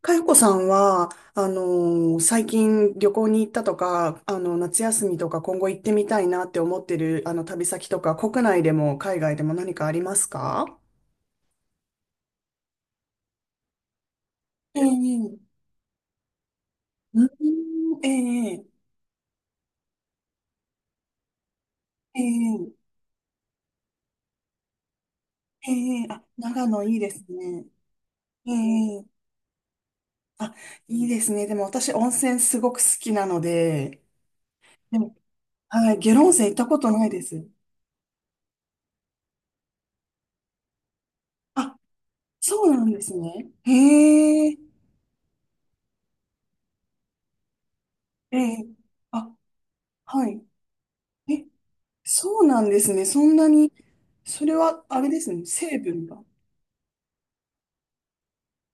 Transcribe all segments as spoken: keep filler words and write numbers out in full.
かよこさんは、あのー最近旅行に行ったとか、あの、夏休みとか今後行ってみたいなって思ってる、あの、旅先とか、国内でも海外でも何かありますか？ええ。うーん。ええ。ええ。ええ、あ、長野いいですね。ええ、あ、いいですね。でも私、温泉すごく好きなので、でも、はい、下呂温泉行ったことないです。あ、そうなんですね。へえ、ええ、あ、はい。え、そうなんですね。そんなに、それは、あれですね。成分が。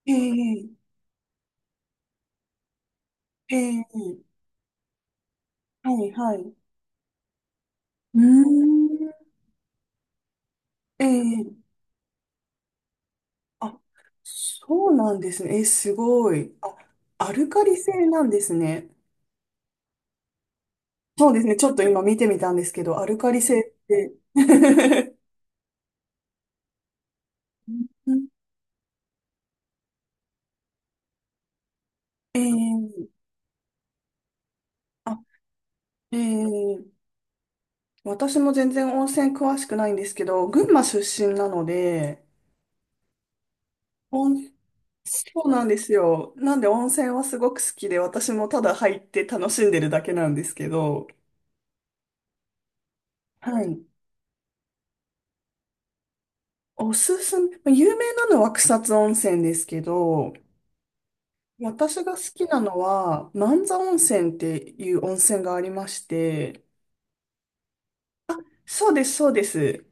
ええ。ええ、はい、はい。うーん。ええ、あ、そうなんですね。え、すごい。あ、アルカリ性なんですね。そうですね。ちょっと今見てみたんですけど、アルカリ性って。うん。ええ、あ、ええ、私も全然温泉詳しくないんですけど、群馬出身なので、温そうなんですよ。なんで温泉はすごく好きで、私もただ入って楽しんでるだけなんですけど、はい。おすすめ、まあ有名なのは草津温泉ですけど、私が好きなのは、万座温泉っていう温泉がありまして、そうです、そうです。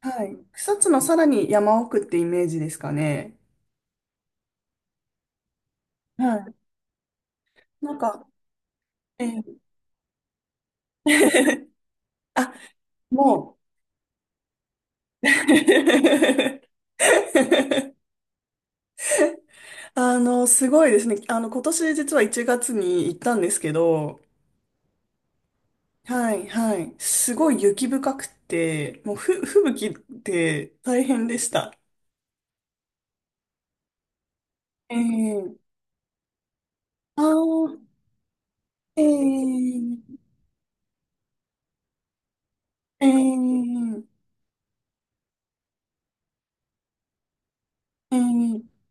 はい。草津のさらに山奥ってイメージですかね。はい。なんか、えー あ、もう あの、すごいですね。あの、今年実はいちがつに行ったんですけど、はい、はい。すごい雪深くて、もうふ、吹雪で大変でした。ええ、あー。ええ。ええ。ええ、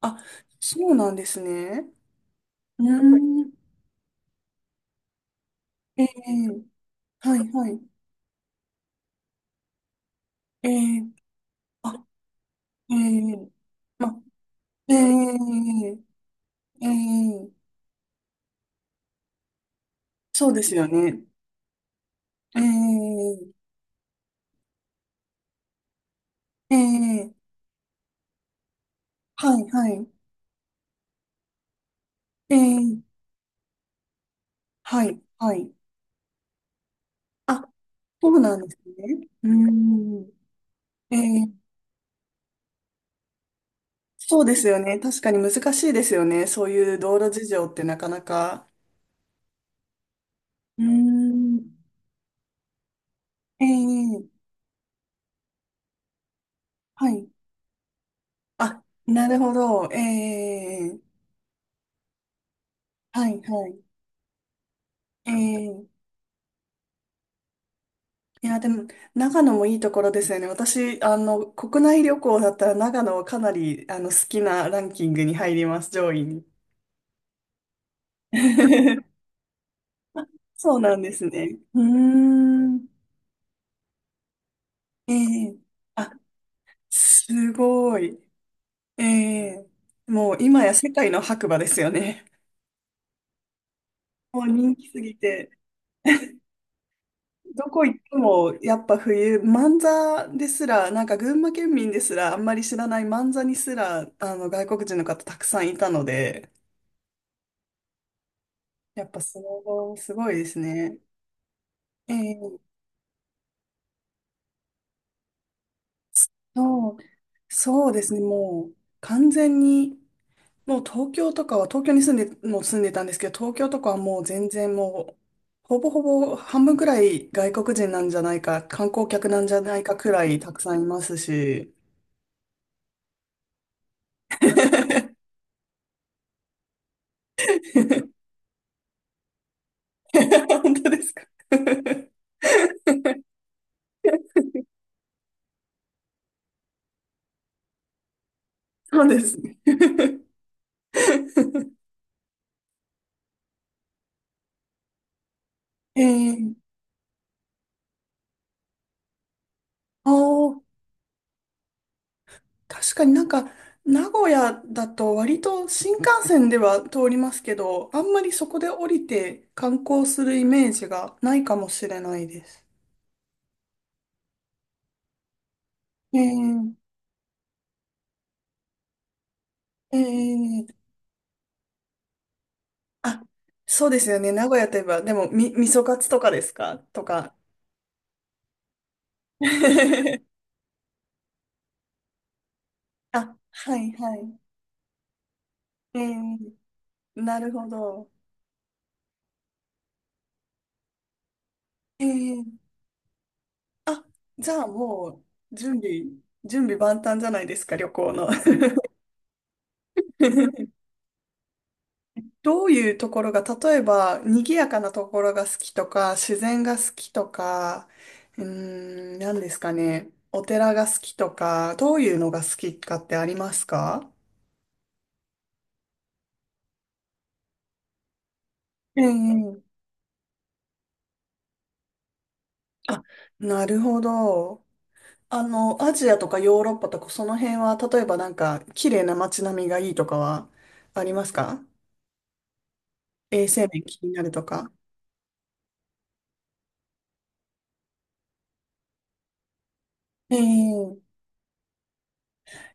あ、そうなんですね。うーん。ええ、はい、はい。ええ、あ、ええ、ま、ええ。ええ、そうですよね。ええ。ええ、はい、はい。ええ、はい、はい。あ、そうなんですね。うーん。ええ、そうですよね。確かに難しいですよね。そういう道路事情ってなかなか。うーん。ええ、はい。あ、なるほど。ええ、はい、はい。ええ、いや、でも、長野もいいところですよね。私、あの、国内旅行だったら長野はかなり、あの、好きなランキングに入ります、上位に。そうなんですね。うーん。ええ、あ、すごい。ええ、もう今や世界の白馬ですよね。もう人気すぎて、どこ行ってもやっぱ冬、万座ですら、なんか群馬県民ですらあんまり知らない万座にすら、あの外国人の方たくさんいたので、やっぱスノボすごいですね。ええ、そう、そうですね、もう完全にもう東京とかは、東京に住んで、もう住んでたんですけど、東京とかはもう全然もう、ほぼほぼ半分くらい外国人なんじゃないか、観光客なんじゃないかくらいたくさんいますし。本当ですか？ そうですね。えー、あー、確かに、なんか、名古屋だと割と新幹線では通りますけど、あんまりそこで降りて観光するイメージがないかもしれないです。えーええ、あ、そうですよね。名古屋といえば、でも、み、味噌カツとかですかとか。あ、はいはい。ええ、なるほど。ええ、あ、じゃあもう、準備、準備万端じゃないですか、旅行の。どういうところが、例えば、賑やかなところが好きとか、自然が好きとか、うーん、何ですかね。お寺が好きとか、どういうのが好きかってありますか？ええ、あ、なるほど。あの、アジアとかヨーロッパとかその辺は、例えばなんか、綺麗な街並みがいいとかはありますか？衛生面気になるとか。ええ、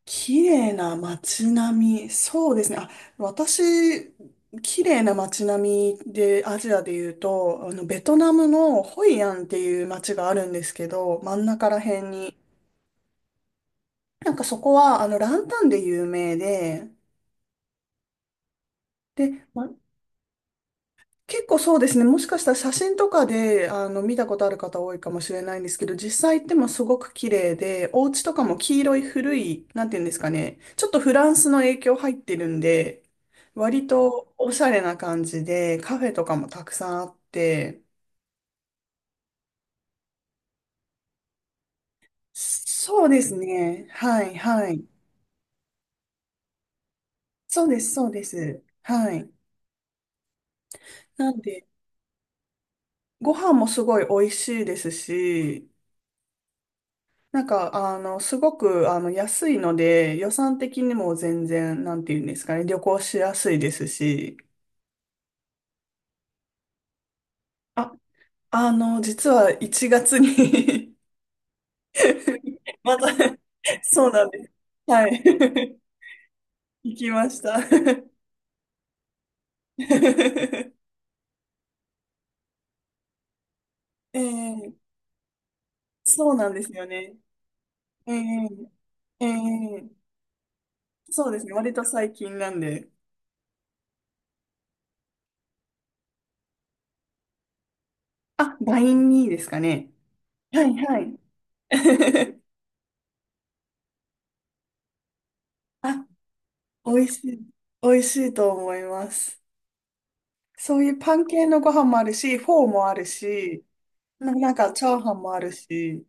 綺麗な街並み。そうですね。あ、私、綺麗な街並みで、アジアで言うと、あの、ベトナムのホイアンっていう街があるんですけど、真ん中ら辺に。なんかそこは、あの、ランタンで有名で、で、ま結構そうですね。もしかしたら写真とかで、あの、見たことある方多いかもしれないんですけど、実際行ってもすごく綺麗で、お家とかも黄色い古い、なんていうんですかね。ちょっとフランスの影響入ってるんで、割とおしゃれな感じで、カフェとかもたくさんあって、そうですね。はい、はい。そうです、そうです。はい。なんで、ご飯もすごい美味しいですし、なんか、あの、すごく、あの、安いので、予算的にも全然、なんていうんですかね、旅行しやすいですし、あ、あの、実はいちがつに また、そうなんです。はい。行きました。ええ、そうなんですよね。ええ。ええ、そうですね。割と最近なんで。あ、ライン にですかね。はいはい。あ、美味しい。美味しいと思います。そういうパン系のご飯もあるし、フォーもあるし、ななんかチャーハンもあるし、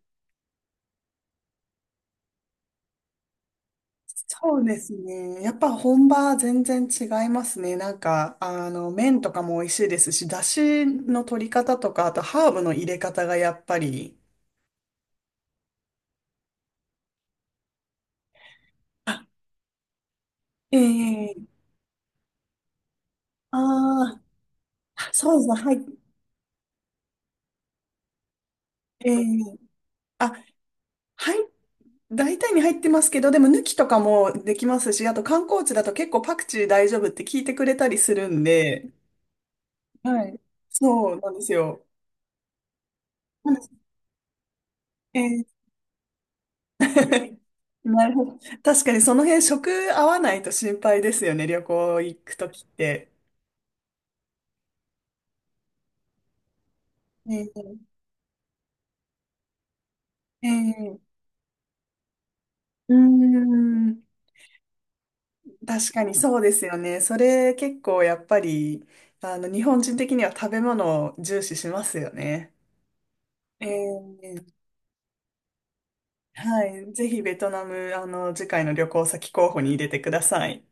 そうですね。やっぱ本場は全然違いますね。なんか、あの、麺とかも美味しいですし、だしの取り方とか、あとハーブの入れ方がやっぱり、あ、ええ、ああー、そうですね。はい。ええ、あ、はい。大体に入ってますけど、でも抜きとかもできますし、あと観光地だと結構パクチー大丈夫って聞いてくれたりするんで、はい。そうなんですよ。えー なるほど。確かにその辺食合わないと心配ですよね、旅行行くときって。ええ。ええ、うーん、確かにそうですよね。それ結構やっぱり、あの、日本人的には食べ物を重視しますよね。ええ、はい。ぜひベトナム、あの、次回の旅行先候補に入れてください。